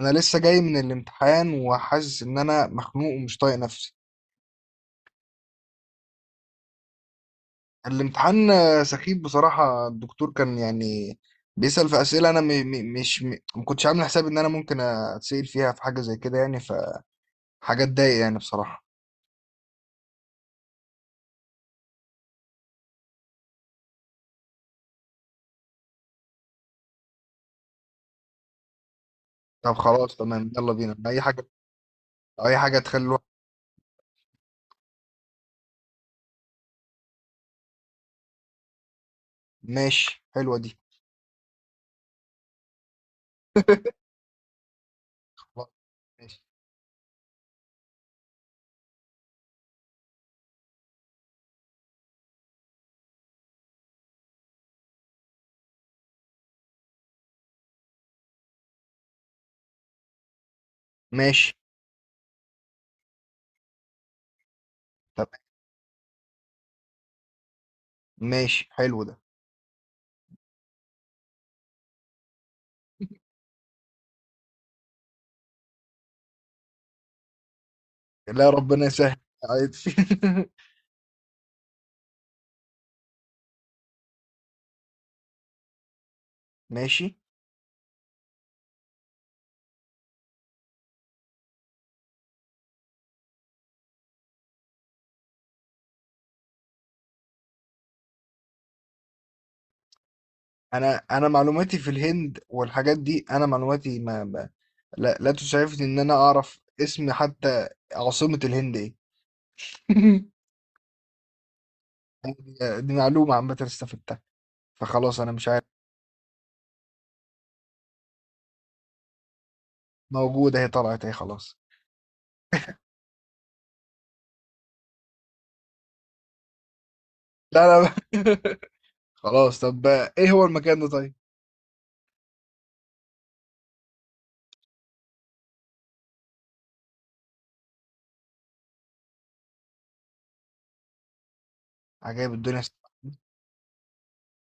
انا لسه جاي من الامتحان وحاسس ان انا مخنوق ومش طايق نفسي. الامتحان سخيف بصراحة. الدكتور كان يعني بيسأل في أسئلة، أنا م م مش م ما كنتش عامل حساب إن أنا ممكن أتسأل فيها في حاجة زي كده يعني، فحاجة تضايق يعني بصراحة. طب خلاص تمام، يلا بينا أي حاجة، أي حاجة تخلي الواحد ماشي. حلوة دي. خلاص ماشي. ماشي تمام. ماشي حلو ده. لا، ربنا يسهل، عادي. ماشي. انا معلوماتي في الهند والحاجات دي، انا معلوماتي لا لا تسعفني ان انا اعرف اسم حتى. عاصمة الهند ايه؟ دي معلومة عامة استفدتها، فخلاص انا مش عارف. موجودة، هي طلعت اهي، خلاص. لا لا. خلاص طب. ايه هو المكان ده طيب؟ عجائب الدنيا؟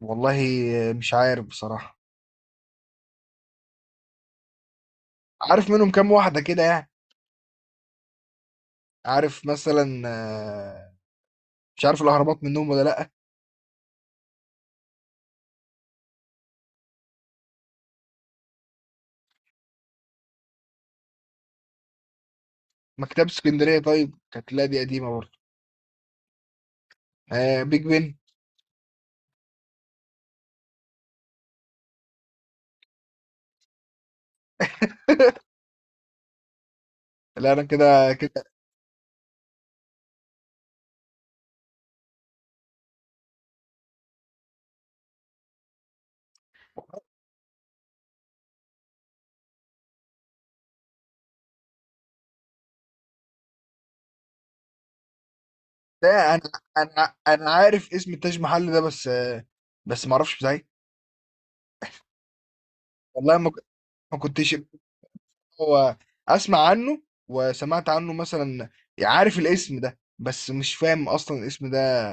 والله مش عارف بصراحة. عارف منهم كام واحدة كده يعني. عارف مثلا، مش عارف الأهرامات منهم ولا لأ. مكتبة اسكندرية طيب، كانت، لا دي قديمة برضه. آه، بيج بن. لا انا كده كده. لا، انا عارف اسم التاج محل ده، بس ما اعرفش ازاي. والله ما كنتش. هو اسمع عنه، وسمعت عنه مثلا، عارف الاسم ده بس مش فاهم اصلا الاسم ده.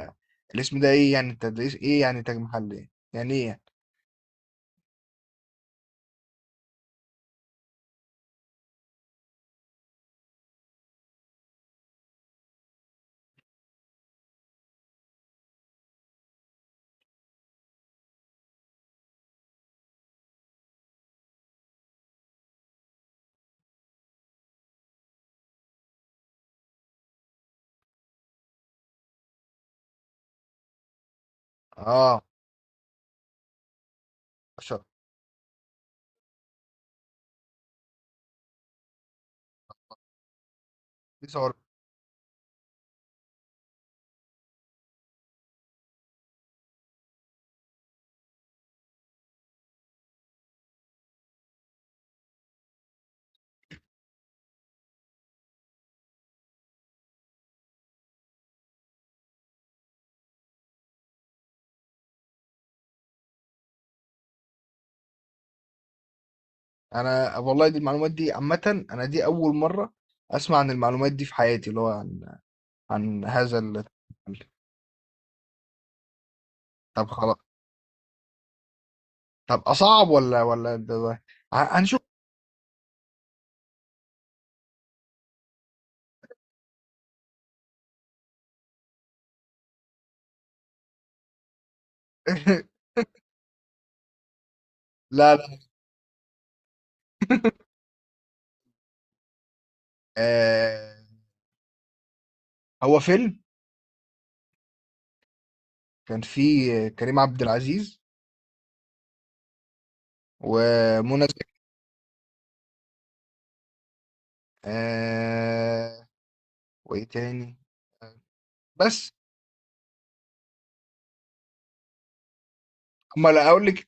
الاسم ده ايه يعني؟ انت ده إيه؟ إيه يعني تاج محل؟ ايه يعني، ايه يعني؟ اه. شر. دي صور. انا والله دي المعلومات دي عامة، انا دي اول مرة اسمع عن المعلومات دي في حياتي، اللي هو عن هذا ال. طب خلاص. طب اصعب ولا هنشوف. لا لا. آه، هو فيلم كان فيه كريم عبد العزيز ومنى زكي، آه وايه تاني بس. اما لا اقول لك.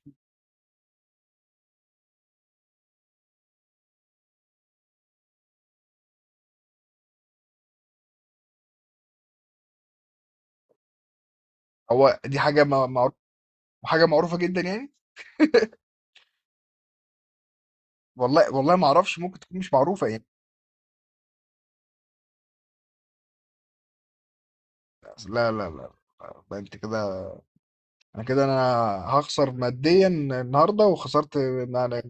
هو دي حاجه معروفه، حاجه معروفه جدا يعني. والله والله ما اعرفش، ممكن تكون مش معروفه يعني. لا لا لا، لا، انت كده. انا كده انا هخسر ماديا النهارده، وخسرت انا.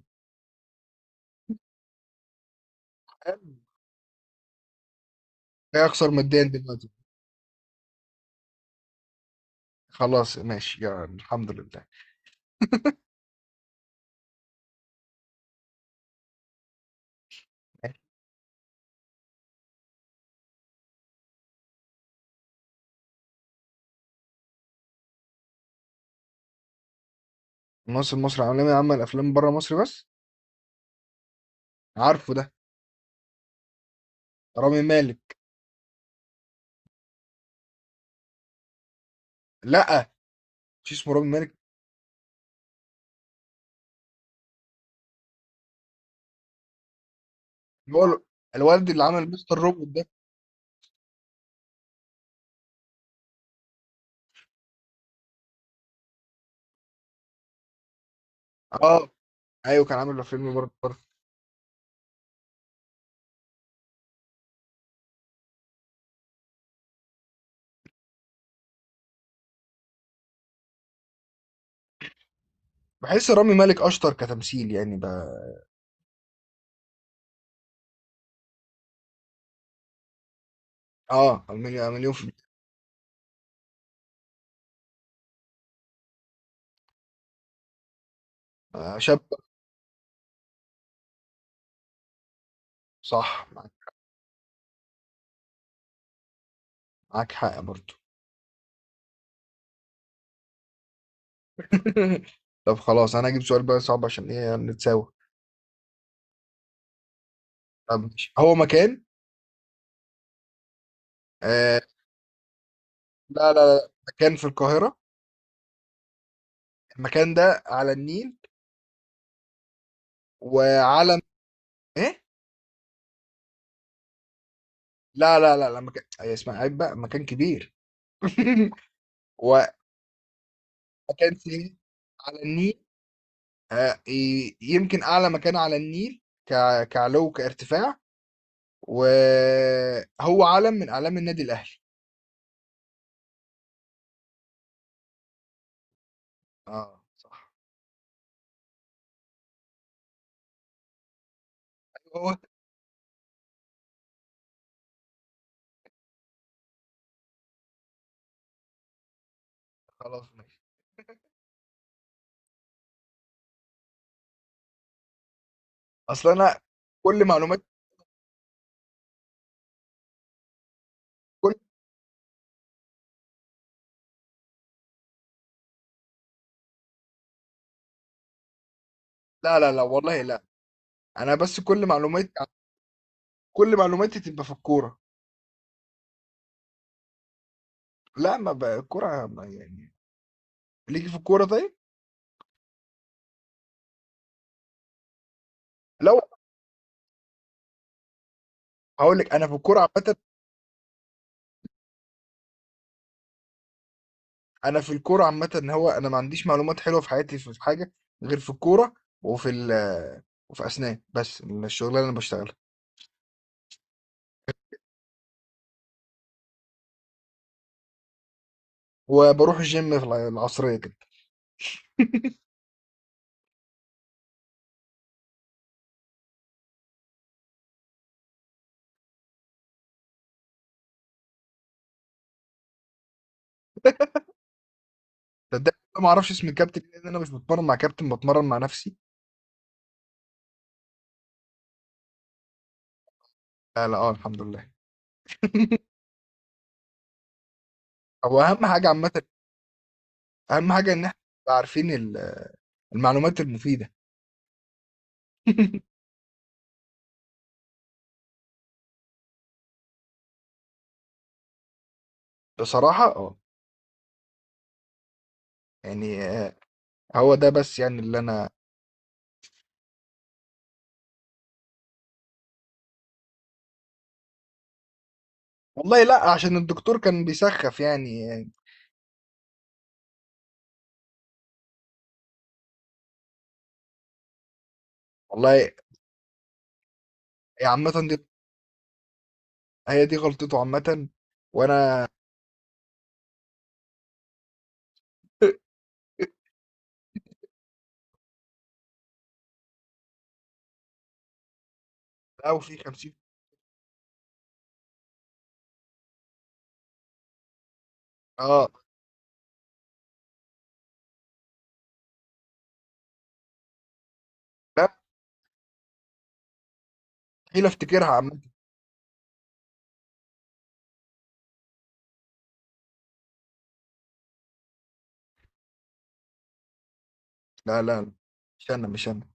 هخسر ماديا دلوقتي. خلاص ماشي، يا الحمد لله. ممثل مصري عالمي، عمل افلام بره مصر بس. عارفه ده. رامي مالك. لا، مش اسمه رامي مالك. اللي هو الوالد اللي عمل مستر روبوت ده. اه ايوه، كان عامل فيلم برضه برضه. بحس رامي مالك اشطر كتمثيل يعني بقى. اه، مليون مليون في. شاب. صح، معاك. معاك حق برضه. طب خلاص، انا هجيب سؤال بقى صعب، عشان ايه نتساوى. طب ماشي. هو مكان. آه لا لا لا، مكان في القاهرة. المكان ده على النيل، وعلم. ايه؟ لا لا لا، لا مكان، أي اسمها عيب بقى، مكان كبير. ومكان سينا على النيل. يمكن أعلى مكان على النيل، كعلو كارتفاع. وهو علم من أعلام النادي الأهلي. اه صح. هو خلاص ماشي. أصل أنا كل معلومات كل لا لا لا، والله لا. أنا بس، كل معلوماتي تبقى في الكورة. لا، ما بقى الكورة يعني ليكي في الكورة طيب؟ لو هقول لك، أنا في الكورة عامة. انا في الكوره عامه، ان هو انا ما عنديش معلومات حلوه في حياتي، في حاجه غير في الكوره. وفي ال وفي اسنان بس، من الشغلانه اللي انا بشتغلها. وبروح الجيم في العصريه كده. صدق ما اعرفش اسم الكابتن إيه، لان انا مش بتمرن مع كابتن، بتمرن مع نفسي. لا لا، اه الحمد لله. هو اهم حاجه عامه، اهم حاجه ان احنا نبقى عارفين المعلومات المفيده. بصراحه اه. يعني هو ده بس يعني اللي انا. والله لا، عشان الدكتور كان بيسخف يعني. والله يا. عامة دي هي دي غلطته عامةً، وأنا. أو في 50. آه، لأ مستحيل أفتكرها عامةً. لا، لا، لا، مش أنا، مش أنا.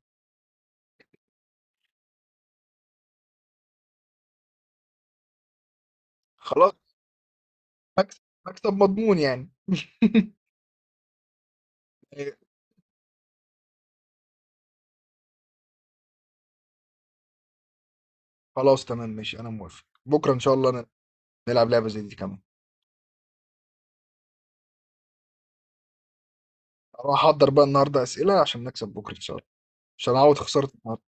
خلاص. مكسب، مكسب مضمون يعني. خلاص تمام ماشي، أنا موافق، بكرة إن شاء الله نلعب لعبة زي دي كمان، أروح أحضر بقى النهاردة أسئلة عشان نكسب بكرة إن شاء الله، عشان أعوض خسارة النهاردة.